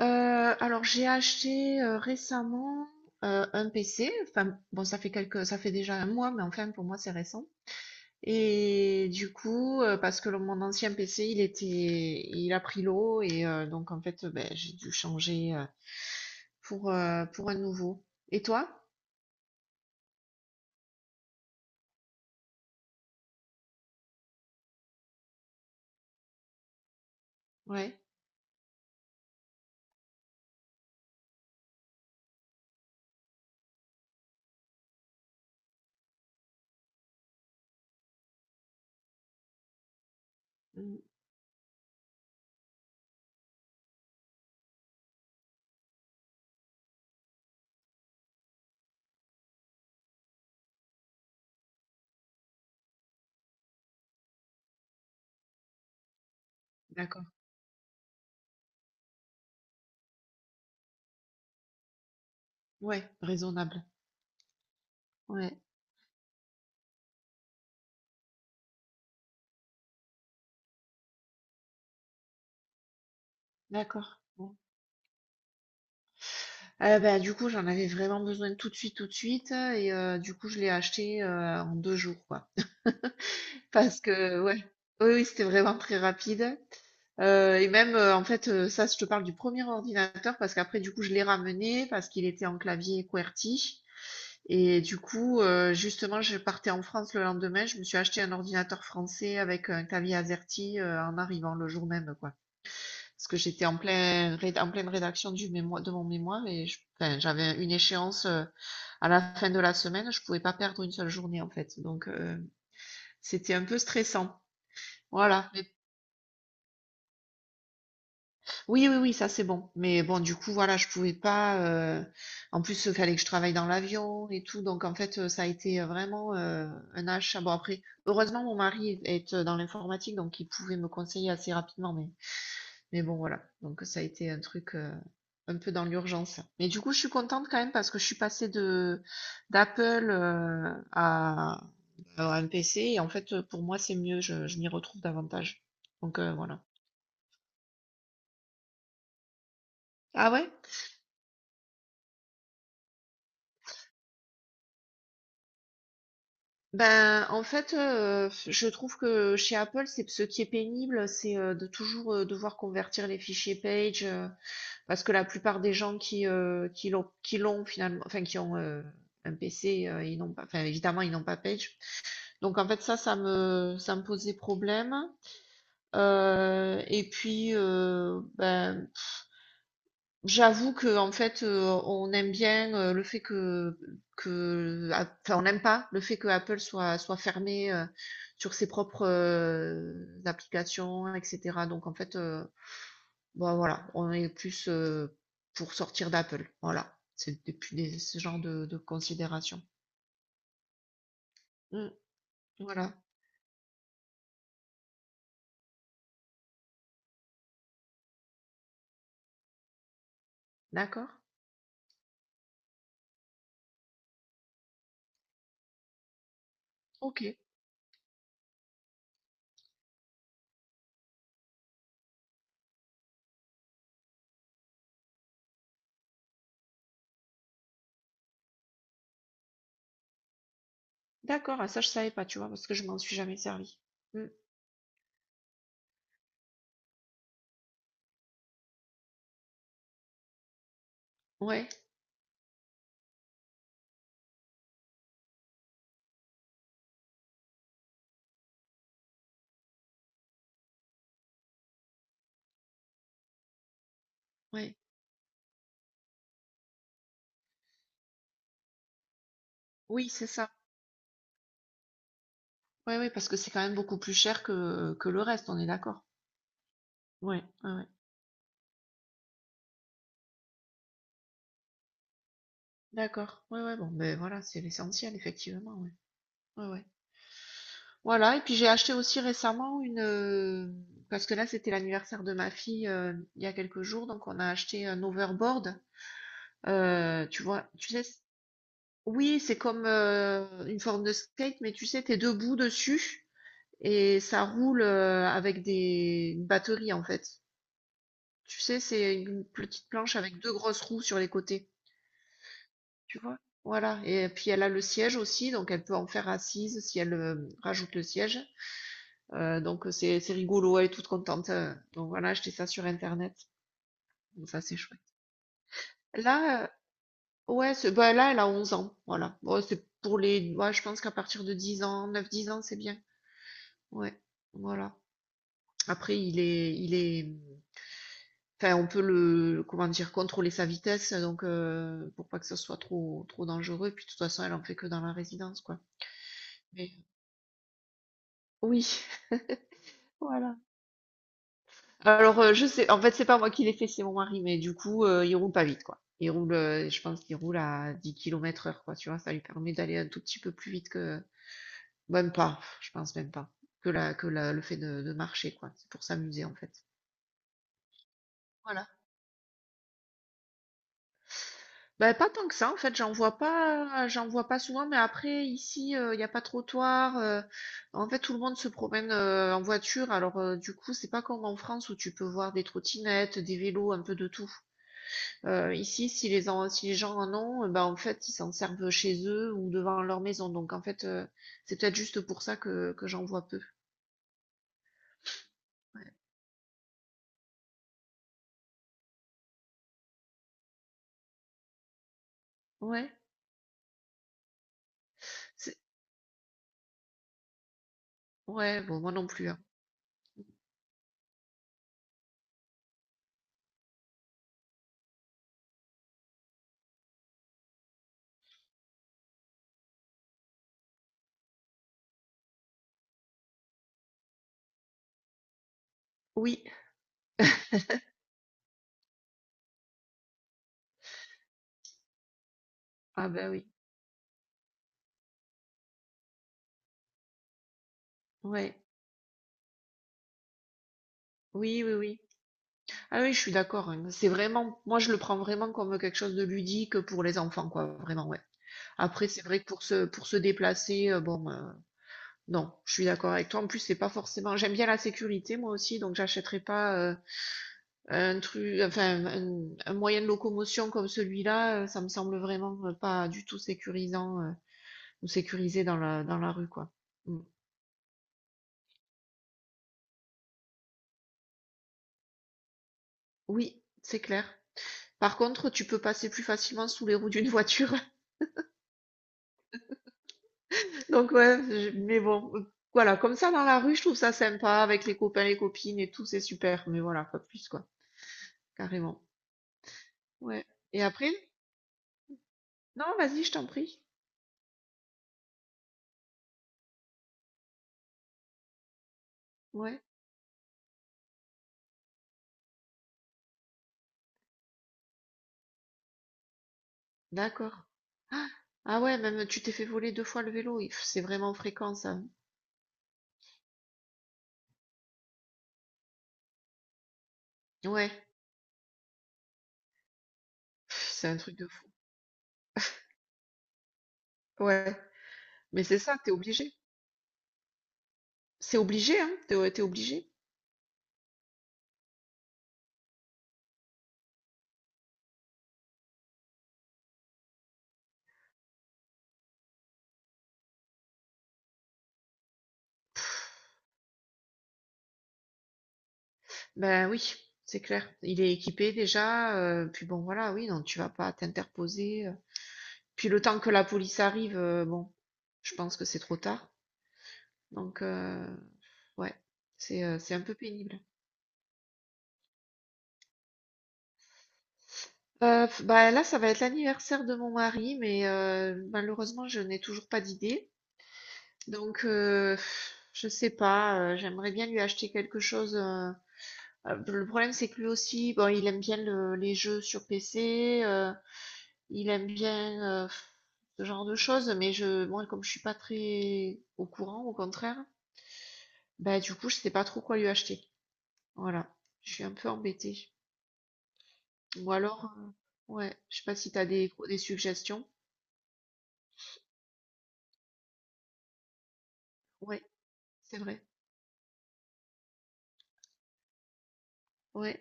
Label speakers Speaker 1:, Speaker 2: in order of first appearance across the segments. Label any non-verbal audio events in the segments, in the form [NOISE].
Speaker 1: Heu, alors j'ai acheté, récemment, un PC. Enfin, bon, ça fait déjà 1 mois, mais enfin pour moi c'est récent. Et du coup, parce que le mon ancien PC il a pris l'eau. Et donc en fait, beh, j'ai dû changer, pour un nouveau. Et toi? Ouais. Mmh. D'accord. Ouais, raisonnable. Ouais, d'accord. Bon. Bah, du coup, j'en avais vraiment besoin tout de suite, tout de suite, et du coup, je l'ai acheté, en 2 jours, quoi. Parce que ouais. Oui, oui, c'était vraiment très rapide. Et même, en fait, ça, je te parle du premier ordinateur parce qu'après, du coup, je l'ai ramené parce qu'il était en clavier QWERTY. Et du coup, justement, je partais en France le lendemain. Je me suis acheté un ordinateur français avec un clavier AZERTY, en arrivant le jour même, quoi. Parce que j'étais en plein réd en pleine rédaction du mémoi de mon mémoire, et je enfin, j'avais une échéance, à la fin de la semaine. Je pouvais pas perdre une seule journée, en fait, donc c'était un peu stressant. Voilà. Oui, oui, oui, ça c'est bon. Mais bon, du coup, voilà, je pouvais pas. En plus, il fallait que je travaille dans l'avion et tout. Donc, en fait, ça a été vraiment un achat. Bon, après, heureusement, mon mari est dans l'informatique, donc il pouvait me conseiller assez rapidement. Mais bon, voilà. Donc, ça a été un truc un peu dans l'urgence. Mais du coup, je suis contente quand même parce que je suis passée de d'Apple à un PC. Et en fait, pour moi, c'est mieux. Je m'y retrouve davantage. Donc, voilà. Ah ouais? Ben, en fait, je trouve que chez Apple, c'est ce qui est pénible, c'est, de toujours, devoir convertir les fichiers Page, parce que la plupart des gens qui l'ont qui l'ont finalement, enfin qui ont, un PC, ils n'ont pas, enfin, évidemment ils n'ont pas Page. Donc, en fait, ça me posait problème, et puis, ben, j'avoue que, en fait, on aime bien, le fait que a enfin, on n'aime pas le fait que Apple soit fermé, sur ses propres, applications, et cetera. Donc, en fait, bah, voilà, on est plus, pour sortir d'Apple. Voilà, c'est depuis des ce genre de considération. Mmh, voilà, d'accord. OK, d'accord. Ah ça, je savais pas, tu vois? Parce que je m'en suis jamais servi. Mmh, ouais, ouais. Oui, c'est ça. Ouais, ouais, parce que c'est quand même beaucoup plus cher que le reste, on est d'accord? Ouais, ouais, ouais. D'accord. Ouais, ouais, bon, ben voilà, c'est l'essentiel, effectivement, ouais. Ouais, ouais. Voilà, et puis j'ai acheté aussi récemment parce que là, c'était l'anniversaire de ma fille, il y a quelques jours, donc on a acheté un overboard. Tu vois, tu sais, oui, c'est comme une forme de skate, mais tu sais, t'es debout dessus et ça roule, avec des une batterie en fait. Tu sais, c'est une petite planche avec deux grosses roues sur les côtés. Tu vois? Voilà. Et puis elle a le siège aussi, donc elle peut en faire assise si elle rajoute le siège. Donc c'est rigolo, elle est toute contente. Donc voilà, acheté ça sur Internet. Donc ça, c'est chouette. Là, ouais, bah, là, elle a 11 ans. Voilà. Bon, c'est pour les. Ouais, je pense qu'à partir de 10 ans, neuf dix ans, c'est bien. Ouais. Voilà. Après, enfin, on peut le, comment dire, contrôler sa vitesse, donc pour pas que ce soit trop, trop dangereux. Puis de toute façon, elle en fait que dans la résidence, quoi. Mais oui. Voilà. Alors, je sais, en fait, c'est pas moi qui l'ai fait, c'est mon mari, mais du coup, il roule pas vite, quoi. Je pense qu'il roule à 10 km/h, quoi, tu vois, ça lui permet d'aller un tout petit peu plus vite que, même pas, je pense même pas, le fait de marcher, quoi. C'est pour s'amuser, en fait. Voilà. Ben, pas tant que ça, en fait, j'en vois pas souvent, mais après, ici, il n'y a pas de trottoir, en fait, tout le monde se promène en voiture, alors, du coup, c'est pas comme en France où tu peux voir des trottinettes, des vélos, un peu de tout. Ici, si les gens en ont, bah, en fait, ils s'en servent chez eux ou devant leur maison. Donc, en fait, c'est peut-être juste pour ça que j'en vois peu. Ouais, c'est- ouais, bon, moi non plus, hein. Oui, [LAUGHS] ah ben oui, ouais, oui, oui, oui. Ah oui, je suis d'accord, hein. C'est vraiment, moi, je le prends vraiment comme quelque chose de ludique pour les enfants, quoi, vraiment, ouais. Après, c'est vrai que pour se déplacer, bon, non, je suis d'accord avec toi. En plus, c'est pas forcément. J'aime bien la sécurité, moi aussi, donc j'achèterai pas. Enfin, un moyen de locomotion comme celui-là, ça me semble vraiment pas du tout sécurisant, ou sécurisé dans la rue, quoi. Mm. Oui, c'est clair. Par contre, tu peux passer plus facilement sous les roues d'une voiture. [LAUGHS] Donc, ouais, mais bon, voilà, comme ça dans la rue, je trouve ça sympa avec les copains, les copines et tout, c'est super. Mais voilà, pas plus, quoi. Carrément. Ouais. Et après? Non, vas-y, je t'en prie. Ouais, d'accord. Ah ah ouais, même tu t'es fait voler deux fois le vélo. C'est vraiment fréquent, ça. Ouais, pff, c'est un truc de fou. Ouais, mais c'est ça, t'es obligé. C'est obligé, hein, t'es obligé. Ben oui, c'est clair. Il est équipé déjà, puis bon, voilà, oui, non, tu vas pas t'interposer. Puis le temps que la police arrive, bon, je pense que c'est trop tard. Donc, ouais, c'est un peu pénible. Bah là, ça va être l'anniversaire de mon mari, mais malheureusement, je n'ai toujours pas d'idée. Donc, je sais pas, j'aimerais bien lui acheter quelque chose. Le problème, c'est que lui aussi, bon, il aime bien les jeux sur PC, il aime bien ce genre de choses, mais moi, comme je suis pas très au courant, au contraire, bah, du coup, je sais pas trop quoi lui acheter. Voilà, je suis un peu embêtée. Ou alors, ouais, je sais pas si t'as des suggestions. Ouais, c'est vrai. Ouais,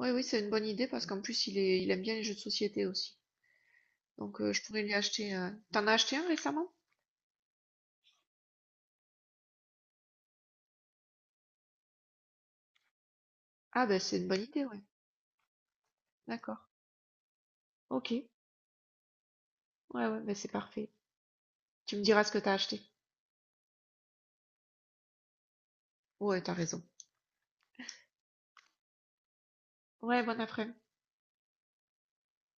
Speaker 1: ouais, oui, c'est une bonne idée parce qu'en plus, il aime bien les jeux de société aussi. Donc, je pourrais lui acheter. T'en as acheté un récemment? Ah, ben, c'est une bonne idée, ouais. D'accord. Ok. Ouais, ouais, ben, c'est parfait. Tu me diras ce que t'as acheté. Ouais, t'as raison. Ouais, bon après-midi.